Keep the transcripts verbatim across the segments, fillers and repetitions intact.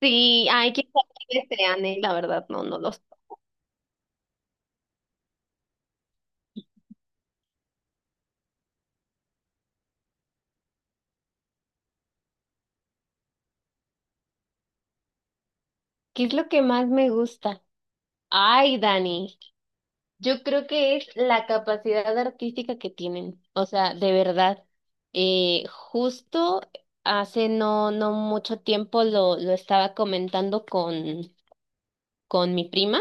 Sí, ay, qué sabe qué sean, eh, la verdad, no, no los. ¿Qué es lo que más me gusta? Ay, Dani, yo creo que es la capacidad artística que tienen. O sea, de verdad. Eh, justo hace no, no mucho tiempo lo, lo estaba comentando con, con mi prima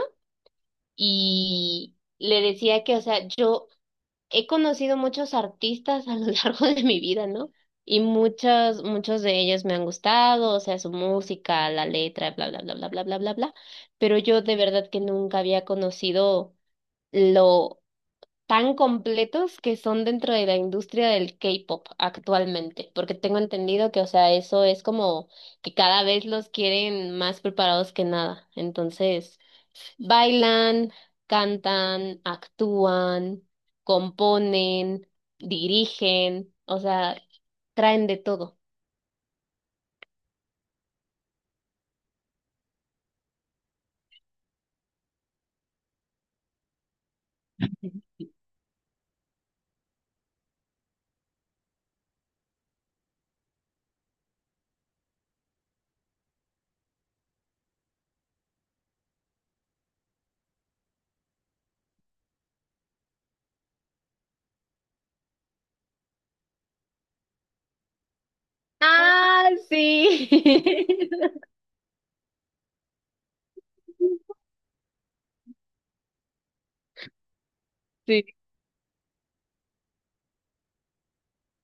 y le decía que, o sea, yo he conocido muchos artistas a lo largo de mi vida, ¿no? Y muchos, muchos de ellos me han gustado, o sea, su música, la letra, bla, bla, bla, bla, bla, bla, bla, bla. Pero yo de verdad que nunca había conocido lo tan completos que son dentro de la industria del K-pop actualmente, porque tengo entendido que, o sea, eso es como que cada vez los quieren más preparados que nada. Entonces... Bailan, cantan, actúan, componen, dirigen, o sea, traen de todo. Ah, sí. Sí.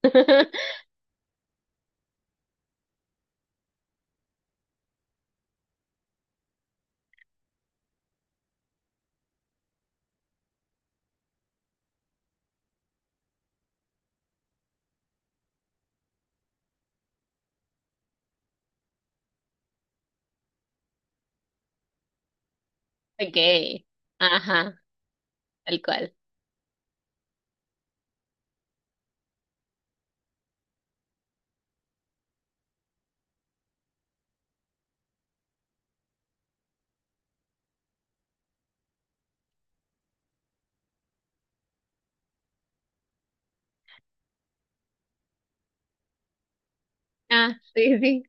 Okay. Ajá, tal cual. Ah, sí, sí.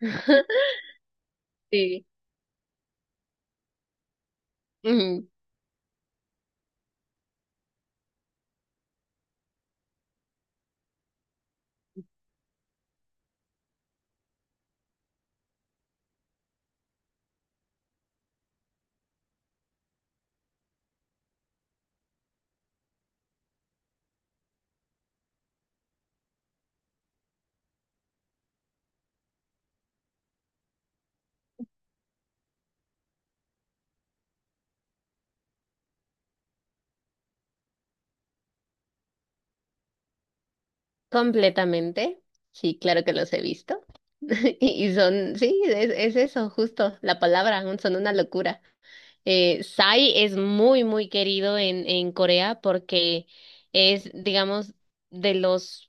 Sí. Ujú. Completamente. Sí, claro que los he visto. Y son, sí, es, es eso, justo, la palabra, son una locura. Eh, Psy es muy, muy querido en, en Corea porque es, digamos, de los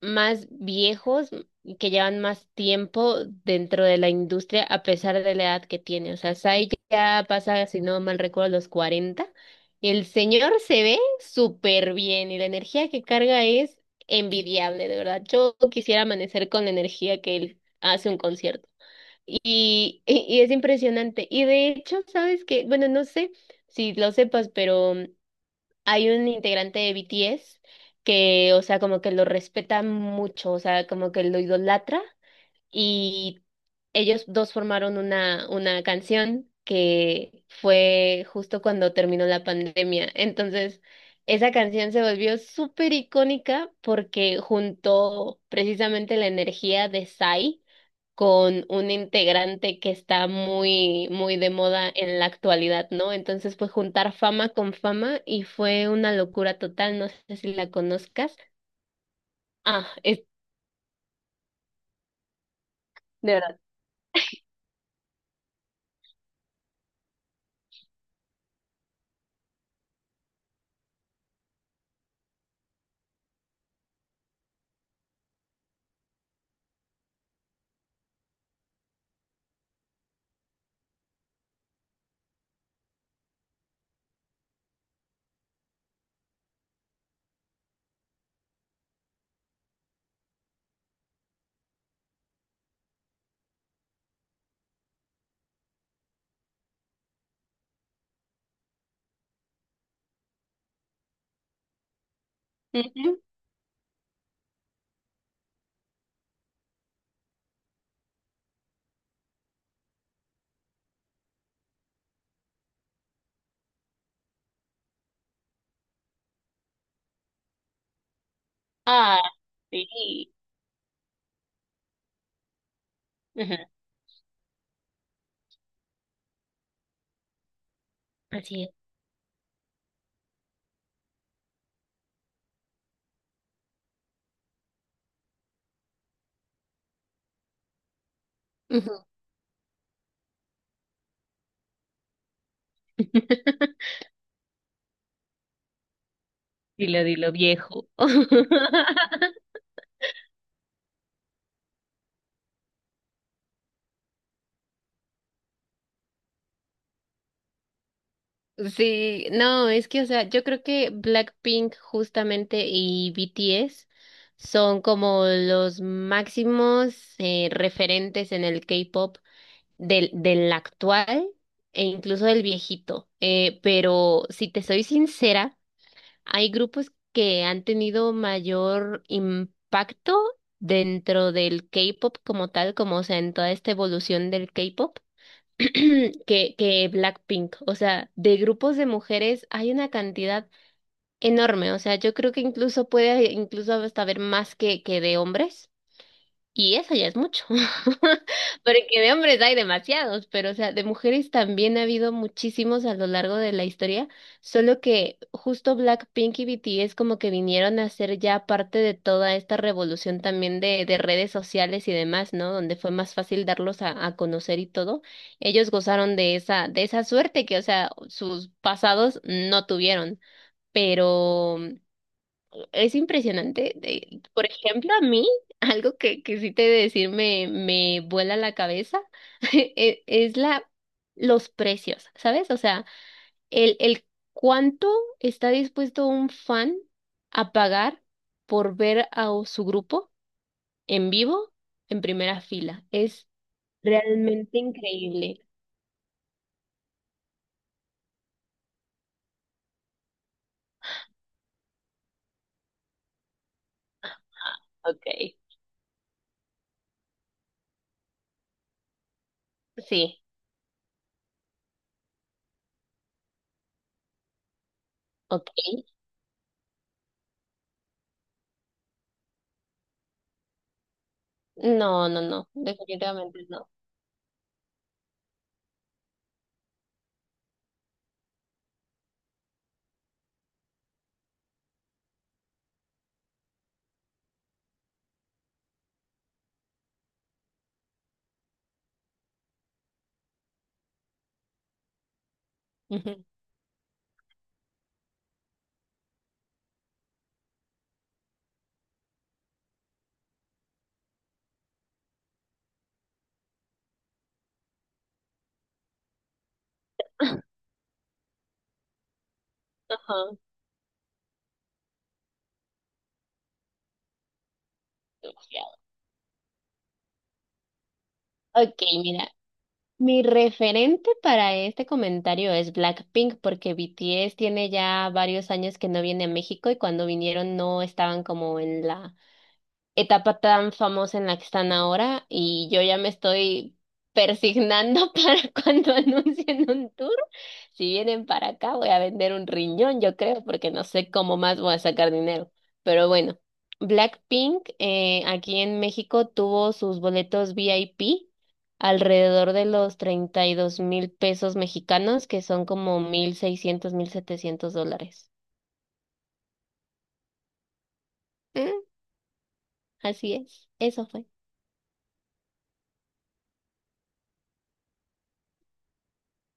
más viejos que llevan más tiempo dentro de la industria a pesar de la edad que tiene. O sea, Psy ya pasa, si no mal recuerdo, los cuarenta. El señor se ve súper bien y la energía que carga es envidiable, de verdad. Yo quisiera amanecer con la energía que él hace un concierto. Y, y, y es impresionante. Y de hecho, sabes que, bueno, no sé si lo sepas, pero mm, hay un integrante de B T S que, o sea, como que lo respeta mucho, o sea, como que lo idolatra y ellos dos formaron una, una canción que fue justo cuando terminó la pandemia. Entonces, esa canción se volvió súper icónica porque juntó precisamente la energía de Sai con un integrante que está muy, muy de moda en la actualidad, ¿no? Entonces, pues juntar fama con fama y fue una locura total, no sé si la conozcas. Ah, es de verdad. Ujú. Ah, sí. Ajá. Así es. Ujú. Dilo, dilo, viejo. Sí, no, es que, o sea, yo creo que Blackpink justamente y B T S son como los máximos, eh, referentes en el K-pop del, del actual e incluso del viejito. Eh, pero si te soy sincera, hay grupos que han tenido mayor impacto dentro del K-pop como tal, como o sea, en toda esta evolución del K-pop, que, que Blackpink. O sea, de grupos de mujeres hay una cantidad enorme. O sea, yo creo que incluso puede incluso hasta haber más que, que de hombres. Y eso ya es mucho, porque de hombres hay demasiados, pero o sea, de mujeres también ha habido muchísimos a lo largo de la historia, solo que justo Blackpink y B T S como que vinieron a ser ya parte de toda esta revolución también de, de redes sociales y demás, ¿no? Donde fue más fácil darlos a, a conocer y todo. Ellos gozaron de esa, de esa suerte que, o sea, sus pasados no tuvieron. Pero es impresionante. De- por ejemplo, a mí, algo que, que sí te he de decir me, me vuela la cabeza, e- es la, los precios, ¿sabes? O sea, el, el cuánto está dispuesto un fan a pagar por ver a o- su grupo en vivo en primera fila. Es realmente increíble. Okay. Sí, ok. No, no, no, definitivamente no. Ujú. Ajá, demasiado. Ok, mira. Mi referente para este comentario es Blackpink, porque B T S tiene ya varios años que no viene a México y cuando vinieron no estaban como en la etapa tan famosa en la que están ahora y yo ya me estoy persignando para cuando anuncien un tour. Si vienen para acá voy a vender un riñón, yo creo, porque no sé cómo más voy a sacar dinero. Pero bueno, Blackpink, eh, aquí en México tuvo sus boletos V I P alrededor de los treinta y dos mil pesos mexicanos, que son como mil seiscientos mil setecientos dólares. Mm, así es, eso fue.